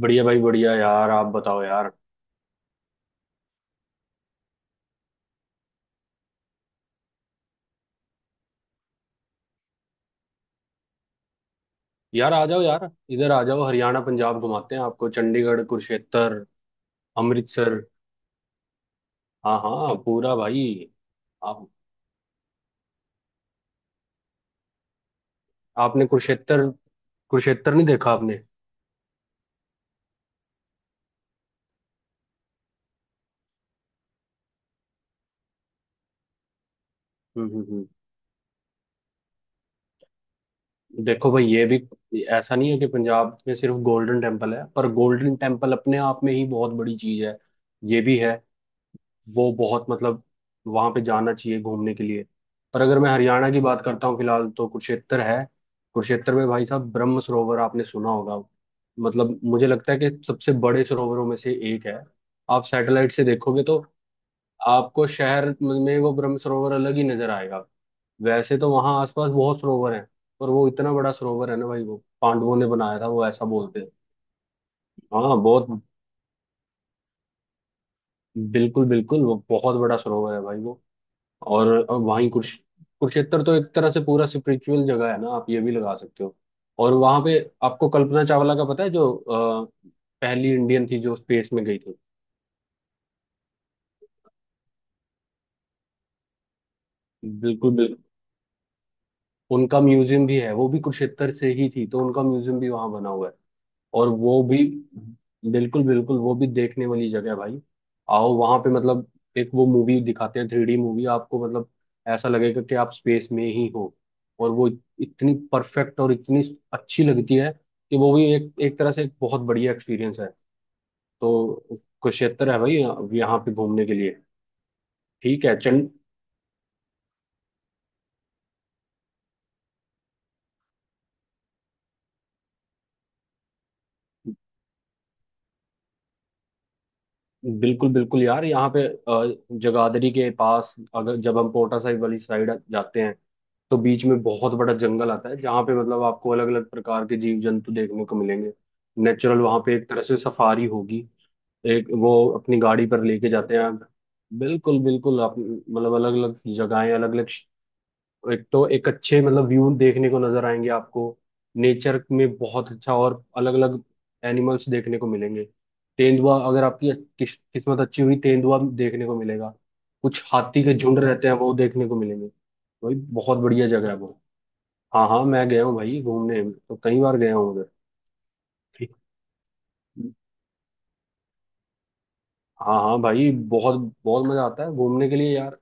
बढ़िया भाई, बढ़िया। यार, आप बताओ यार। यार, आ जाओ यार। इधर आ जाओ, हरियाणा पंजाब घुमाते हैं आपको। चंडीगढ़, कुरुक्षेत्र, अमृतसर। हाँ हाँ, पूरा भाई। आप आपने कुरुक्षेत्र, नहीं देखा आपने? हम्म हम्म हम्म। देखो भाई, ये भी, ऐसा नहीं है कि पंजाब में सिर्फ गोल्डन टेम्पल है, पर गोल्डन टेम्पल अपने आप में ही बहुत बड़ी चीज है। ये भी है। वो बहुत, मतलब, वहां पे जाना चाहिए घूमने के लिए। पर अगर मैं हरियाणा की बात करता हूँ फिलहाल, तो कुरुक्षेत्र है। कुरुक्षेत्र में भाई साहब, ब्रह्म सरोवर आपने सुना होगा। मतलब, मुझे लगता है कि सबसे बड़े सरोवरों में से एक है। आप सैटेलाइट से देखोगे तो आपको शहर में वो ब्रह्म सरोवर अलग ही नजर आएगा। वैसे तो वहाँ आसपास बहुत सरोवर हैं, पर वो इतना बड़ा सरोवर है ना भाई। वो पांडवों ने बनाया था, वो ऐसा बोलते हैं। हाँ बहुत, बिल्कुल बिल्कुल, वो बहुत बड़ा सरोवर है भाई वो। और वहीं कुरुश कुरुक्षेत्र तो एक तरह से पूरा स्पिरिचुअल जगह है ना, आप ये भी लगा सकते हो। और वहां पे आपको कल्पना चावला का पता है जो पहली इंडियन थी जो स्पेस में गई थी। बिल्कुल बिल्कुल। उनका म्यूजियम भी है, वो भी कुरुक्षेत्र से ही थी, तो उनका म्यूजियम भी वहां बना हुआ है। और वो भी, बिल्कुल बिल्कुल, वो भी देखने वाली जगह है भाई। आओ वहां पे, मतलब, एक वो मूवी दिखाते हैं थ्री डी मूवी, आपको मतलब ऐसा लगेगा कि आप स्पेस में ही हो। और वो इतनी परफेक्ट और इतनी अच्छी लगती है कि वो भी एक, एक तरह से, एक बहुत बढ़िया एक्सपीरियंस है। तो कुरुक्षेत्र है भाई, यहाँ पे घूमने के लिए। ठीक है। चंड बिल्कुल बिल्कुल यार। यहाँ पे जगाधरी के पास, अगर जब हम पोटा साहिब वाली साइड जाते हैं, तो बीच में बहुत बड़ा जंगल आता है जहाँ पे मतलब आपको अलग अलग प्रकार के जीव जंतु देखने को मिलेंगे। नेचुरल, वहाँ पे एक तरह से सफारी होगी। एक वो अपनी गाड़ी पर लेके जाते हैं। बिल्कुल बिल्कुल, आप मतलब अलग अलग जगहें, अलग अलग, एक तो एक अच्छे मतलब व्यू देखने को नजर आएंगे आपको। नेचर में बहुत अच्छा, और अलग अलग एनिमल्स देखने को मिलेंगे। तेंदुआ, अगर आपकी किस्मत अच्छी हुई तेंदुआ देखने को मिलेगा। कुछ हाथी के झुंड रहते हैं, वो देखने को मिलेंगे। वही बहुत बढ़िया जगह है वो। हाँ हाँ, मैं गया हूँ भाई, घूमने तो कई बार गया हूँ उधर। ठीक। हाँ हाँ भाई, बहुत बहुत मजा आता है घूमने के लिए यार।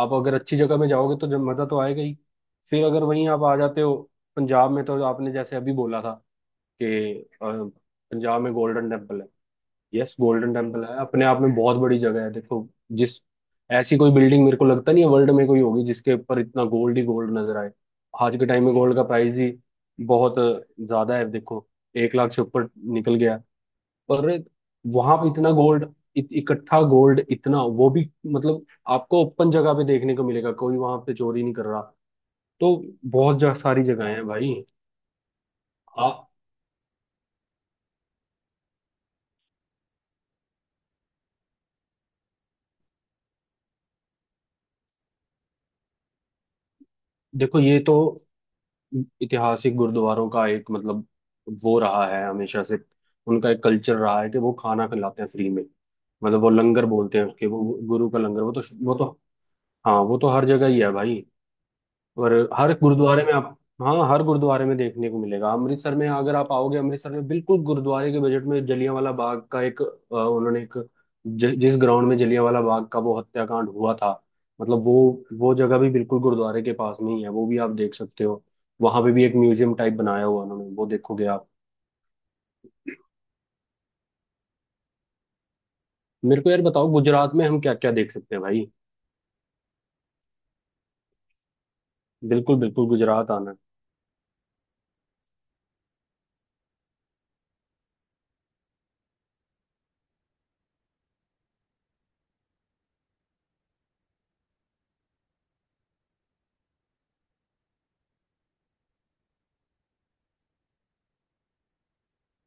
आप अगर अच्छी जगह में जाओगे तो जब मजा तो आएगा ही। फिर अगर वहीं आप आ जाते हो पंजाब में, तो आपने जैसे अभी बोला था कि अ, पंजाब में गोल्डन टेम्पल है। यस, गोल्डन टेम्पल है, अपने आप में बहुत बड़ी जगह है। देखो, जिस ऐसी कोई बिल्डिंग मेरे को लगता नहीं है वर्ल्ड में कोई होगी जिसके ऊपर इतना गोल्ड ही गोल्ड नजर आए। आज के टाइम में गोल्ड का प्राइस ही बहुत ज्यादा है देखो, 1 लाख से ऊपर निकल गया। और वहां पे इतना गोल्ड, इकट्ठा गोल्ड इतना, वो भी मतलब आपको ओपन जगह पे देखने को मिलेगा, कोई वहां पे चोरी नहीं कर रहा। तो बहुत सारी जगहें हैं भाई। आप देखो, ये तो ऐतिहासिक गुरुद्वारों का एक, मतलब, वो रहा है हमेशा से। उनका एक कल्चर रहा है कि वो खाना खिलाते हैं फ्री में। मतलब वो लंगर बोलते हैं उसके, वो गुरु का लंगर, वो तो हाँ, वो तो हर जगह ही है भाई। और हर गुरुद्वारे में आप, हाँ, हर गुरुद्वारे में देखने को मिलेगा। अमृतसर में अगर आप आओगे, अमृतसर में बिल्कुल गुरुद्वारे के बजट में जलियांवाला बाग का एक उन्होंने एक, जिस ग्राउंड में जलियांवाला बाग का वो हत्याकांड हुआ था, मतलब वो जगह भी बिल्कुल गुरुद्वारे के पास में ही है, वो भी आप देख सकते हो। वहां पे भी एक म्यूजियम टाइप बनाया हुआ उन्होंने, वो देखोगे आप। मेरे को यार बताओ, गुजरात में हम क्या क्या देख सकते हैं भाई? बिल्कुल बिल्कुल, गुजरात आना है।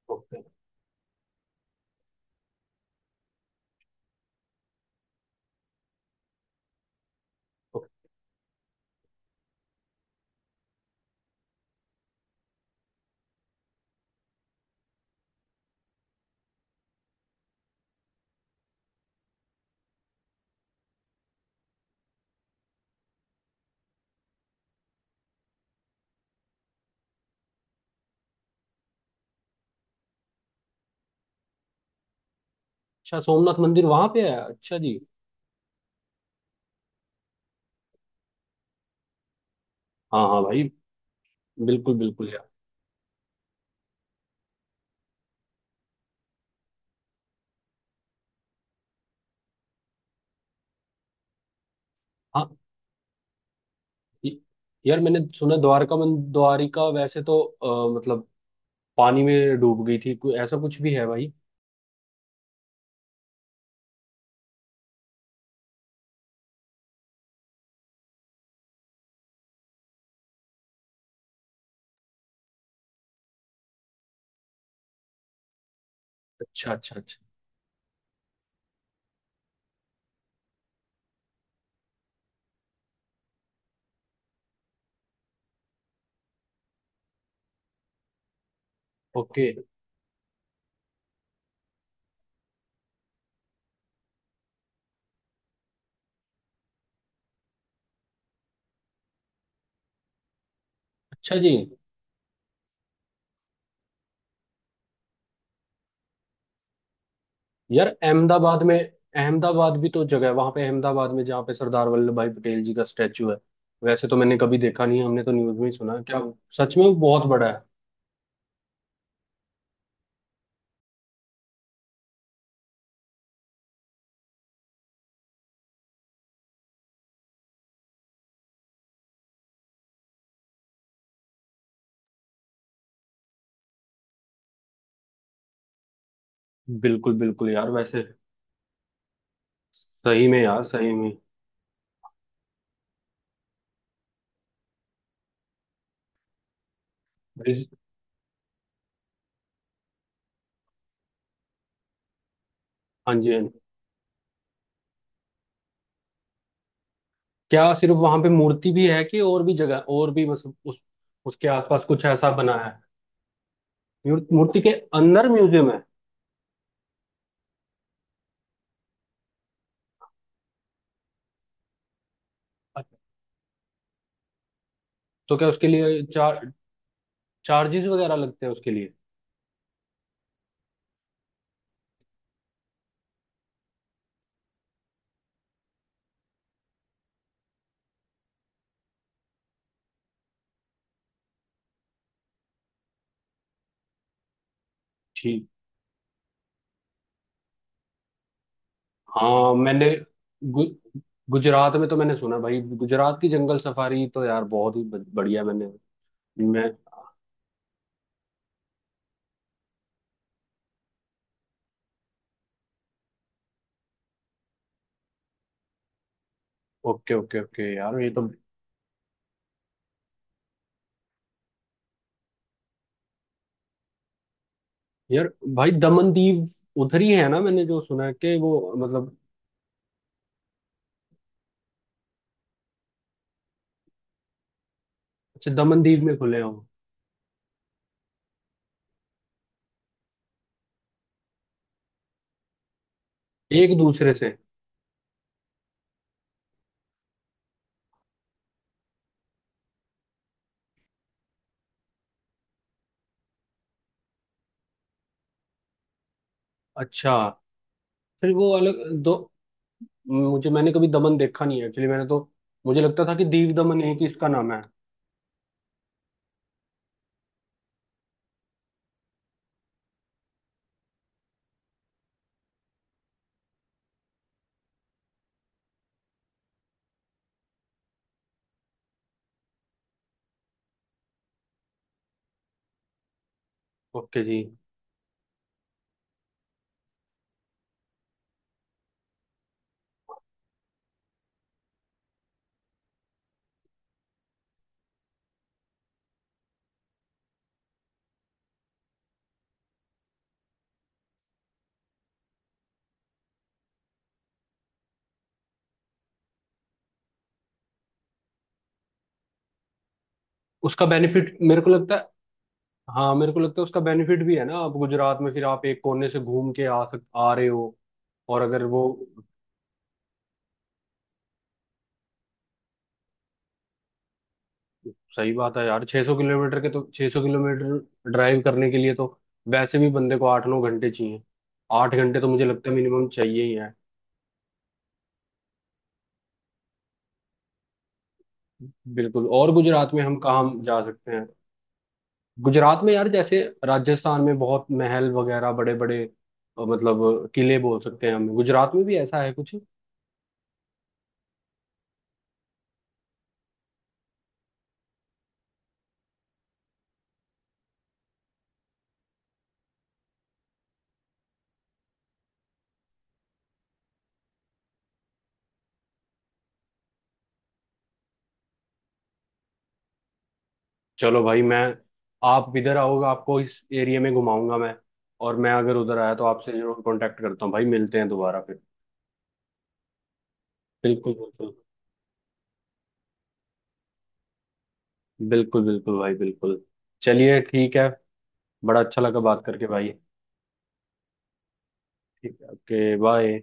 ओके। ओके। अच्छा, सोमनाथ मंदिर वहां पे है? अच्छा जी। हाँ हाँ भाई, बिल्कुल बिल्कुल यार। हाँ। य- यार, मैंने सुना द्वारका मन द्वारिका वैसे तो मतलब पानी में डूब गई थी, कोई ऐसा कुछ भी है भाई? अच्छा अच्छा अच्छा। ओके। अच्छा जी। यार अहमदाबाद में, अहमदाबाद भी तो जगह है वहां पे, अहमदाबाद में जहाँ पे सरदार वल्लभ भाई पटेल जी का स्टैचू है। वैसे तो मैंने कभी देखा नहीं है, हमने तो न्यूज में ही सुना है। क्या सच में वो बहुत बड़ा है? बिल्कुल बिल्कुल यार। वैसे सही में यार, सही में। विज- हाँ जी हाँ जी। क्या सिर्फ वहां पे मूर्ति भी है कि और भी जगह और भी, मतलब उस, उसके आसपास कुछ ऐसा बना है? मूर्ति के अंदर म्यूजियम है? अच्छा। तो क्या उसके लिए चार्जेस वगैरह लगते हैं उसके लिए? ठीक। हाँ मैंने, गु, गुजरात में तो मैंने सुना भाई, गुजरात की जंगल सफारी तो यार बहुत ही बढ़िया। मैंने मैं ओके ओके ओके यार, ये तो। यार भाई, दमन दीव उधर ही है ना? मैंने जो सुना है कि वो, मतलब, अच्छा, दमन दीव में खुले हैं वो? एक दूसरे से? अच्छा, फिर वो अलग दो। मुझे, मैंने कभी दमन देखा नहीं है एक्चुअली, मैंने तो मुझे लगता था कि दीव दमन एक ही इसका नाम है। ओके जी। उसका बेनिफिट मेरे को लगता है, हाँ मेरे को लगता है उसका बेनिफिट भी है ना, आप गुजरात में फिर आप एक कोने से घूम के आ सक आ रहे हो। और अगर वो, सही बात है यार, 600 किलोमीटर के तो 600 किलोमीटर ड्राइव करने के लिए तो वैसे भी बंदे को 8 9 घंटे चाहिए। 8 घंटे तो मुझे लगता है मिनिमम चाहिए ही है। बिल्कुल। और गुजरात में हम कहाँ जा सकते हैं? गुजरात में यार, जैसे राजस्थान में बहुत महल वगैरह बड़े बड़े, मतलब किले बोल सकते हैं हम, गुजरात में भी ऐसा है कुछ? चलो भाई, मैं आप इधर आओगे आपको इस एरिया में घुमाऊंगा मैं। और मैं अगर उधर आया तो आपसे जरूर कांटेक्ट करता हूँ भाई। मिलते हैं दोबारा फिर। बिल्कुल बिल्कुल, बिल्कुल बिल्कुल भाई, बिल्कुल। चलिए, ठीक है। बड़ा अच्छा लगा बात करके भाई। ठीक है, ओके, बाय।